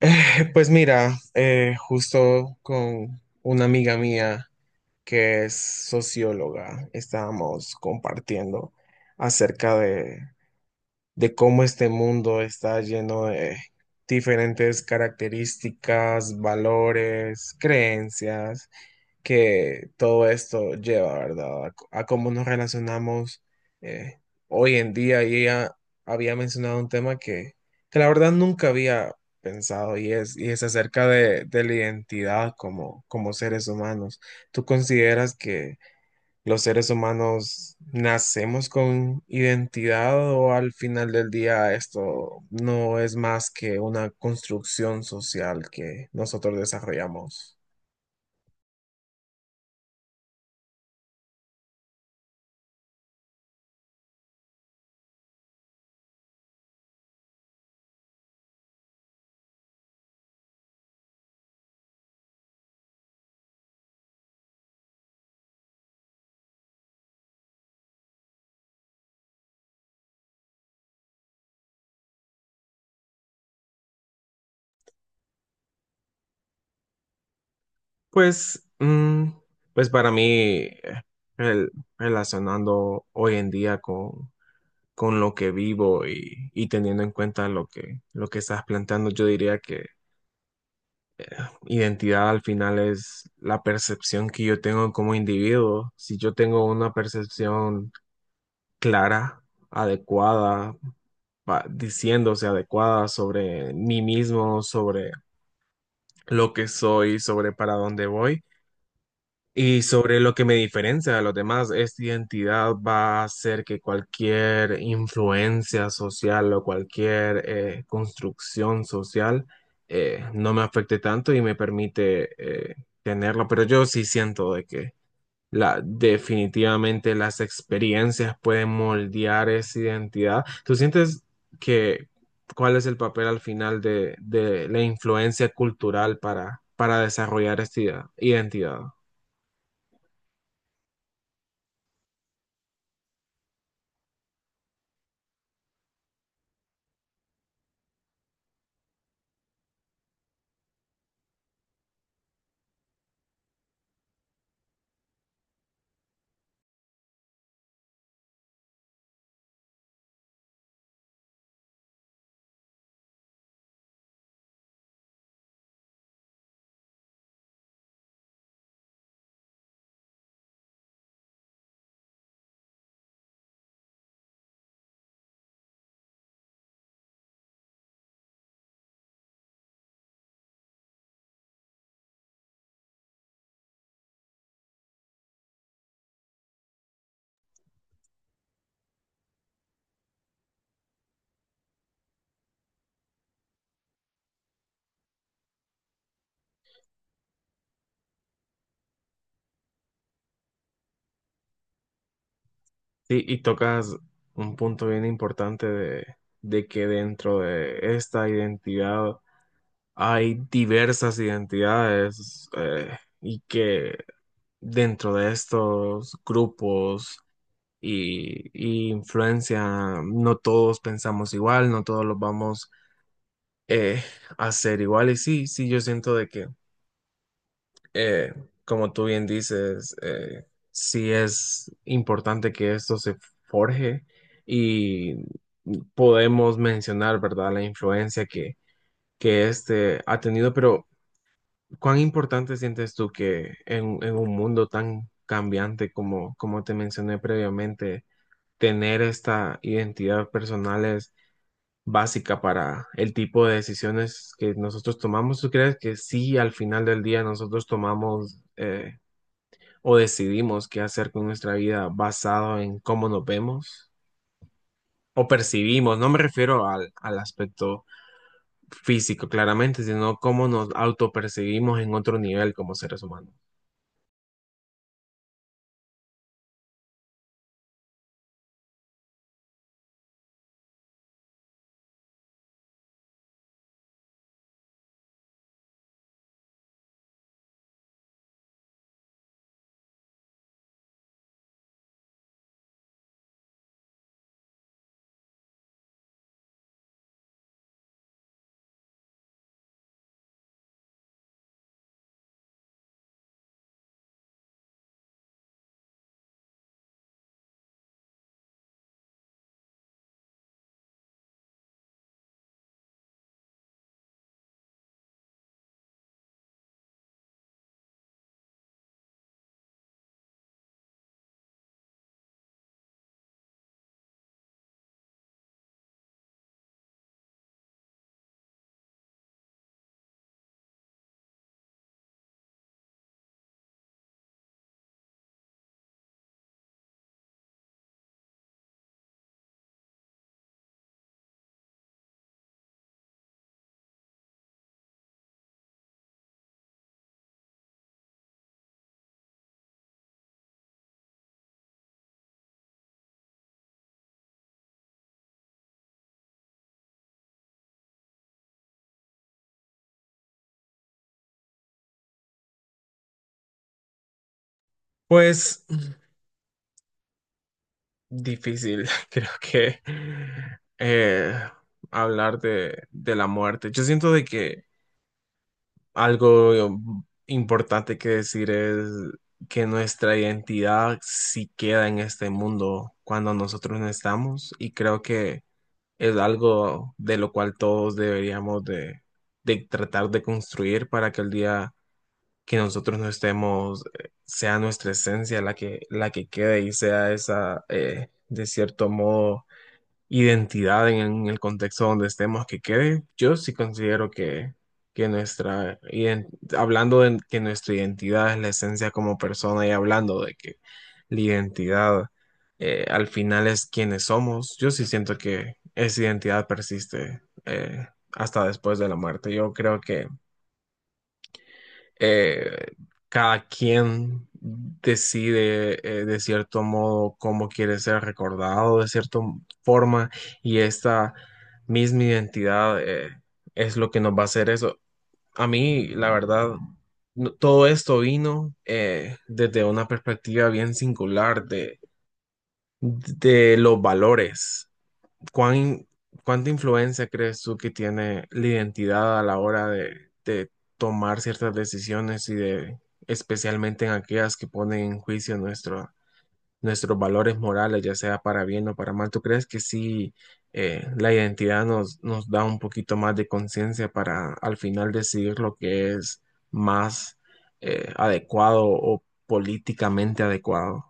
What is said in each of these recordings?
Pues mira, justo con una amiga mía que es socióloga, estábamos compartiendo acerca de, de cómo este mundo está lleno de diferentes características, valores, creencias que todo esto lleva, ¿verdad? A cómo nos relacionamos eh, hoy en día. Y ella había mencionado un tema que la verdad nunca había pensado y es de la identidad como seres humanos. ¿Tú consideras que los seres humanos nacemos con identidad o al final del día esto no es más que una construcción social que nosotros desarrollamos? Pues, pues para mí, eh, el- relacionando hoy en día con lo que vivo y teniendo en cuenta lo lo que estás planteando, yo diría que identidad al final es la percepción que yo tengo como individuo. Si yo tengo una percepción clara, adecuada, diciéndose adecuada sobre mí mismo, sobre lo que soy, sobre para dónde voy. Y sobre lo que me diferencia de los demás, esta identidad va a ser que cualquier influencia social o cualquier construcción social no me afecte tanto y me permite tenerlo. Pero yo sí siento de que la, definitivamente las experiencias pueden moldear esa identidad. ¿Tú sientes que cuál es el papel al final de la influencia cultural para desarrollar esta identidad? Sí, y tocas un punto bien importante de que dentro de esta identidad hay diversas identidades y que dentro de estos grupos y influencia no todos pensamos igual, no todos los vamos eh, a hacer igual. Y sí, sí, yo siento de que eh, como tú bien dices, sí es importante que esto se forje y podemos mencionar, ¿verdad?, la influencia que este ha tenido, pero ¿cuán importante sientes tú que en un mundo tan cambiante como te mencioné previamente, tener esta identidad personal es básica para el tipo de decisiones que nosotros tomamos? ¿Tú crees que sí, al final del día nosotros tomamos o decidimos qué hacer con nuestra vida basado en cómo nos vemos o percibimos? No me refiero al aspecto físico claramente, sino cómo nos autopercibimos en otro nivel como seres humanos. Pues difícil, creo que eh, hablar de la muerte. Yo siento de que algo importante que decir es que nuestra identidad sí queda en este mundo cuando nosotros no estamos y creo que es algo de lo cual todos deberíamos de tratar de construir para que el día que nosotros no estemos, sea nuestra esencia la que quede y sea esa, de cierto modo, identidad en el contexto donde estemos que quede. Yo sí considero que nuestra, hablando de que nuestra identidad es la esencia como persona y hablando de que la identidad al final es quienes somos. Yo sí siento que esa identidad persiste hasta después de la muerte. Yo creo que eh, cada quien decide de cierto modo cómo quiere ser recordado, de cierta forma, y esta misma identidad es lo que nos va a hacer eso. A mí, la verdad, no, todo esto vino desde una perspectiva bien singular de los valores. ¿Cuán, cuánta influencia crees tú que tiene la identidad a la hora de tomar ciertas decisiones y de, especialmente en aquellas que ponen en juicio nuestro, nuestros valores morales, ya sea para bien o para mal? ¿Tú crees que sí la identidad nos, nos da un poquito más de conciencia para al final decidir lo que es más adecuado o políticamente adecuado?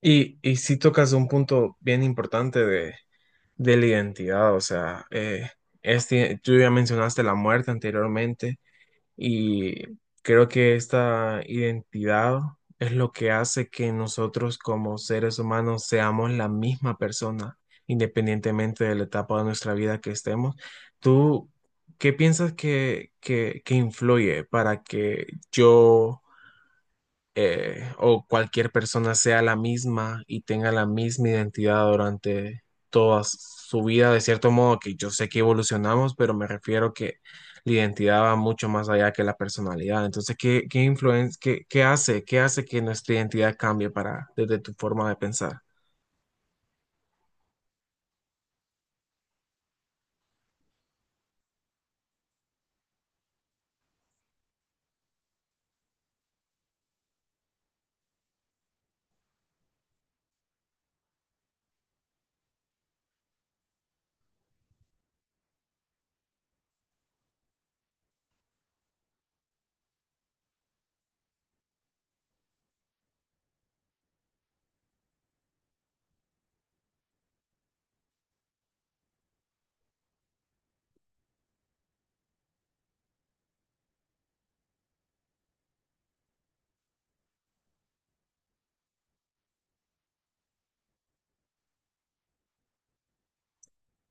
Y sí tocas un punto bien importante de la identidad, o sea, este, tú ya mencionaste la muerte anteriormente y creo que esta identidad es lo que hace que nosotros como seres humanos seamos la misma persona, independientemente de la etapa de nuestra vida que estemos. ¿Tú qué piensas que influye para que yo o cualquier persona sea la misma y tenga la misma identidad durante toda su vida? De cierto modo que yo sé que evolucionamos, pero me refiero que la identidad va mucho más allá que la personalidad. Entonces, ¿qué qué, qué hace? ¿Qué hace que nuestra identidad cambie para, desde tu forma de pensar?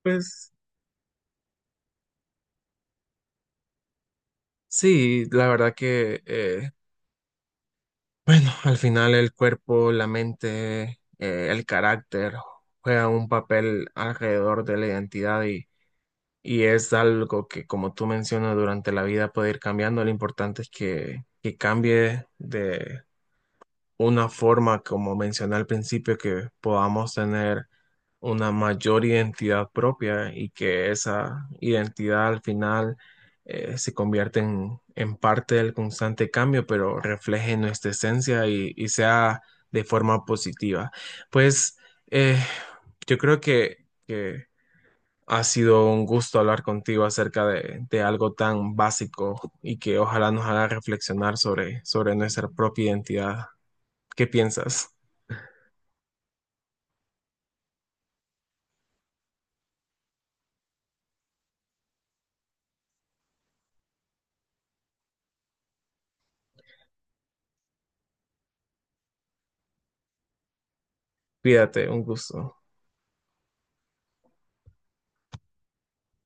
Pues sí, la verdad que al final el cuerpo, la mente, el carácter juegan un papel alrededor de la identidad y. Y es algo que, como tú mencionas, durante la vida puede ir cambiando. Lo importante es que cambie de una forma, como mencioné al principio, que podamos tener una mayor identidad propia y que esa identidad al final se convierta en parte del constante cambio, pero refleje nuestra esencia y sea de forma positiva. Pues eh, yo creo que ha sido un gusto hablar contigo acerca de algo tan básico y que ojalá nos haga reflexionar sobre, sobre nuestra propia identidad. ¿Qué piensas? Cuídate, un gusto.